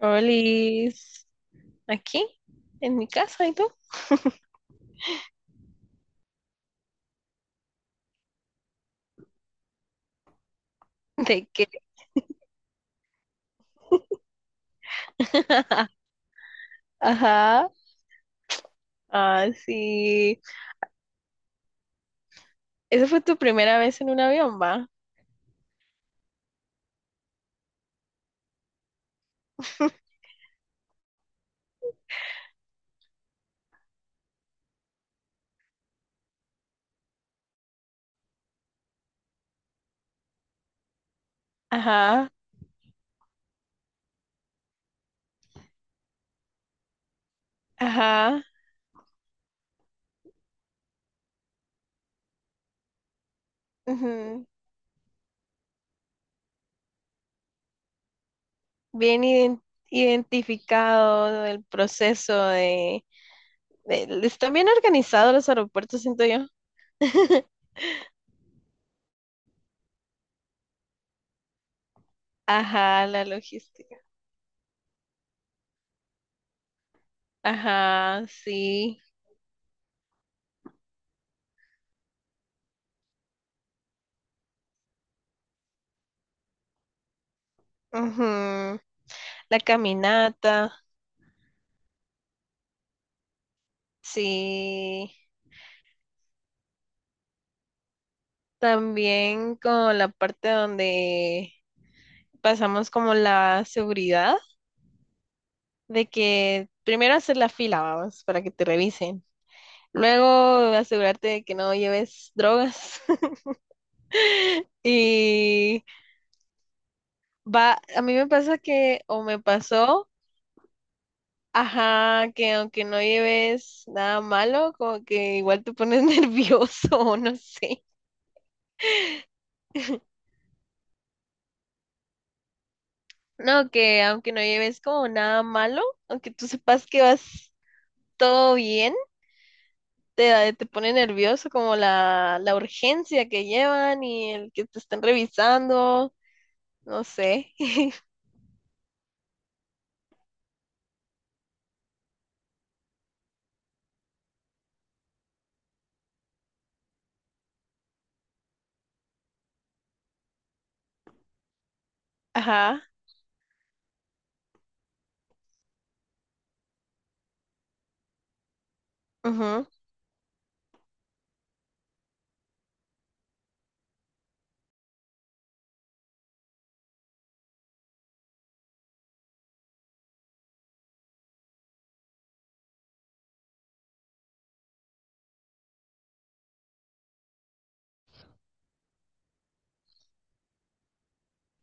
Olis, aquí, en mi casa, ¿y tú? ¿De qué? Ajá, ah, sí. Esa fue tu primera vez en un avión, ¿va? Ajá, ajá. Ujú. Bien iden- Identificado el proceso de, están bien organizados los aeropuertos, siento yo. Ajá, la logística. Ajá, sí. Ujú. La caminata, sí. También con la parte donde pasamos como la seguridad, de que primero hacer la fila, vamos, para que te revisen. Luego asegurarte de que no lleves drogas. Y va, a mí me pasa que, o me pasó, ajá, que aunque no lleves nada malo, como que igual te pones nervioso, o no sé. No, que aunque no lleves como nada malo, aunque tú sepas que vas todo bien te, te pone nervioso como la urgencia que llevan y el que te están revisando, no sé. Ajá, ujú,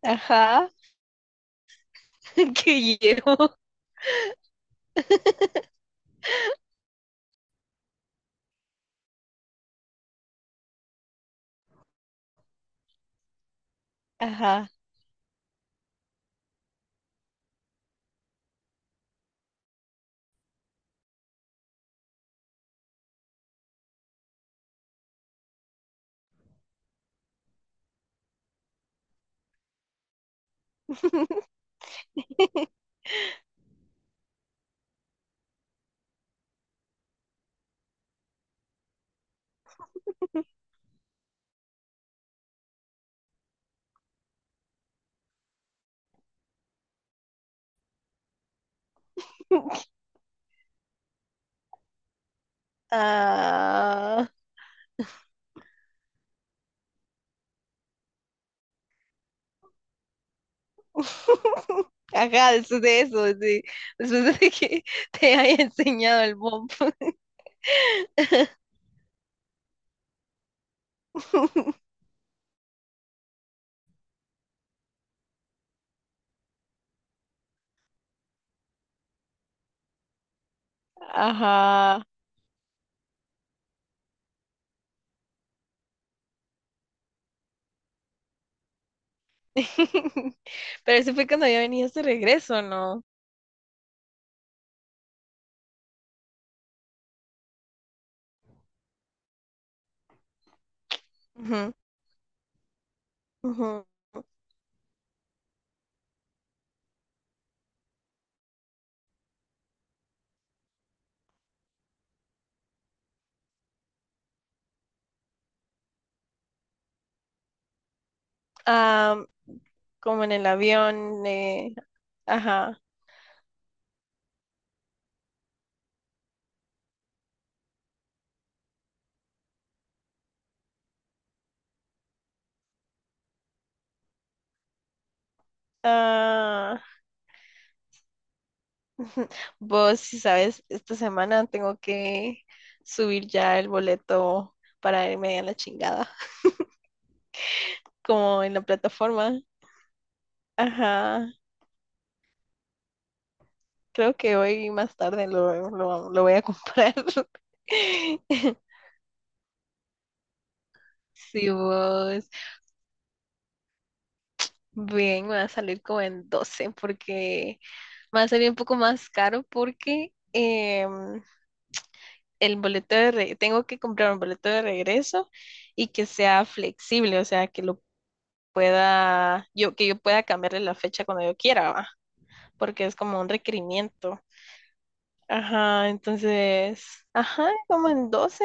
ajá, que llevo, ajá. Ah, ajá, después de eso, después de que te haya enseñado el bomb. Ajá. Pero eso fue cuando ya venías de regreso, ¿no? Ujú, ujú. Am, como en el avión, ajá. Ah, vos, si sabes, esta semana tengo que subir ya el boleto para irme a la chingada, como en la plataforma. Ajá, creo que hoy más tarde lo voy a comprar. Si vos, bien, me va a salir como en 12, porque me va a salir un poco más caro porque... el tengo que comprar un boleto de regreso y que sea flexible, o sea, que lo pueda, yo, que yo pueda cambiarle la fecha cuando yo quiera, ¿va? Porque es como un requerimiento. Ajá, entonces, ajá, como en doce.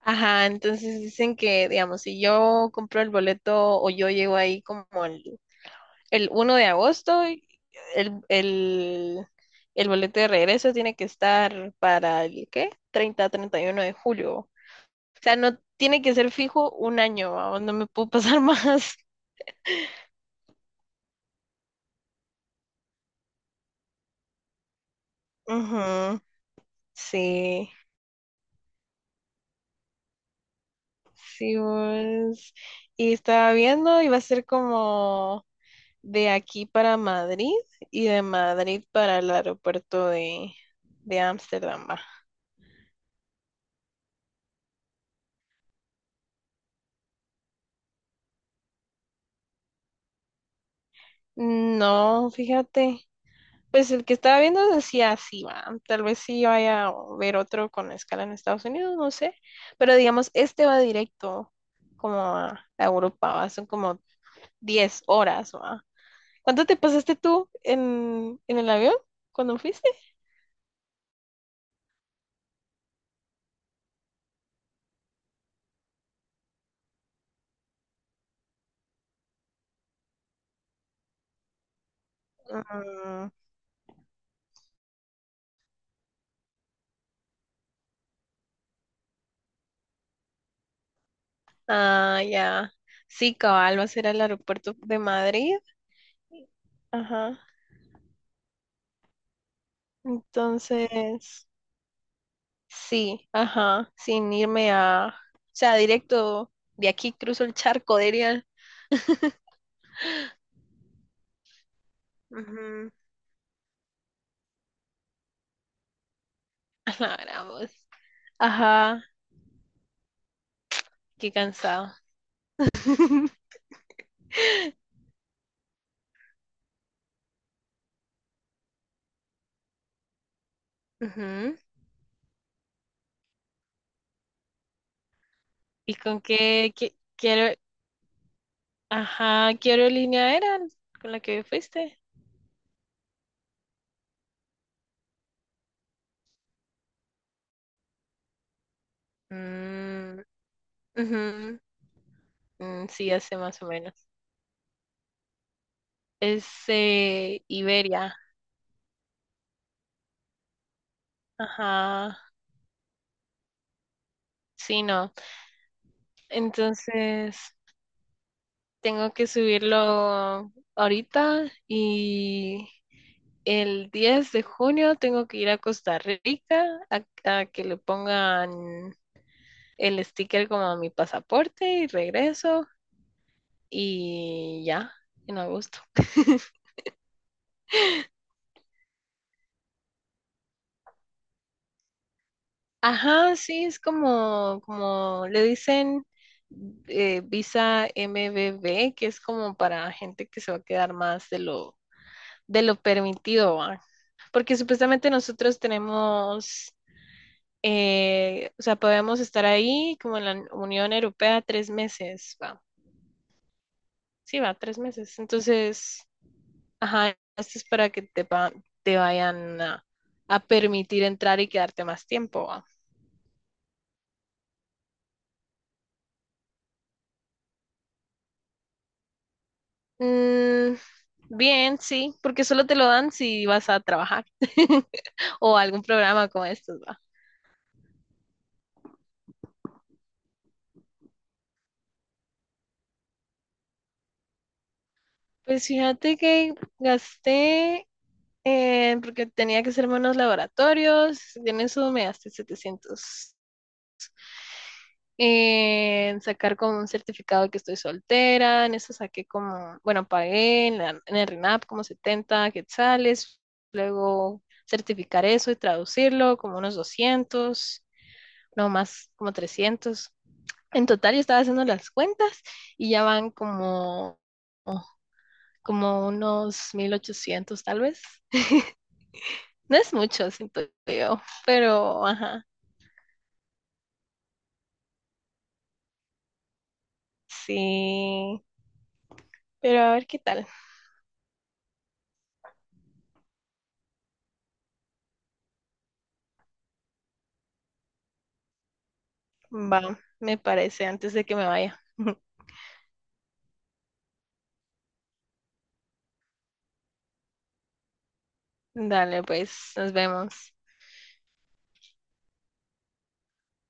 Ajá, entonces dicen que, digamos, si yo compro el boleto o yo llego ahí como el 1 de agosto, el, el boleto de regreso tiene que estar para el, ¿qué? 30, 31 de julio. O sea, no tiene que ser fijo un año, vamos, no me puedo pasar más. Ujú. Sí, sí, vos. Y estaba viendo, iba a ser como de aquí para Madrid y de Madrid para el aeropuerto de Ámsterdam, va. No, fíjate. Pues el que estaba viendo decía así, va. Tal vez sí vaya a ver otro con escala en Estados Unidos, no sé. Pero digamos, este va directo como a Europa, va. Son como 10 horas. Ma. ¿Cuánto te pasaste tú en el avión cuando fuiste? Mm, ah, ya. Sí, cabal, vas a ir al aeropuerto de Madrid. Ajá. Entonces, sí, ajá, sin irme a, o sea, directo de aquí cruzo el charco, diría. Ujú, a la gran voz. Ajá, qué cansado. Ujú. ¿Y con qué, quiero, ajá, qué aerolínea era con la que fuiste? Mm, ujú, mm, sí, hace más o menos. Es Iberia. Ajá. Sí, no. Entonces, tengo que subirlo ahorita y el 10 de junio tengo que ir a Costa Rica a que le pongan el sticker como a mi pasaporte y regreso y ya, en agosto. Ajá, sí, es como, como le dicen visa MBB, que es como para gente que se va a quedar más de lo permitido, ¿va? Porque supuestamente nosotros tenemos, o sea, podemos estar ahí como en la Unión Europea 3 meses, ¿va? Sí, va, 3 meses. Entonces, ajá, esto es para que te, te vayan a permitir entrar y quedarte más tiempo. Mm, bien, sí, porque solo te lo dan si vas a trabajar o algún programa como estos, va. Pues fíjate que gasté, porque tenía que hacerme unos laboratorios, y en eso me gasté 700. En sacar como un certificado de que estoy soltera, en eso saqué como, bueno, pagué en, en el RENAP como 70 quetzales, luego certificar eso y traducirlo como unos 200, no más como 300. En total, yo estaba haciendo las cuentas y ya van como, como unos 1800 tal vez. No es mucho, siento yo, pero ajá, sí. Pero a ver qué tal. Va, me parece, antes de que me vaya. Dale, pues, nos vemos.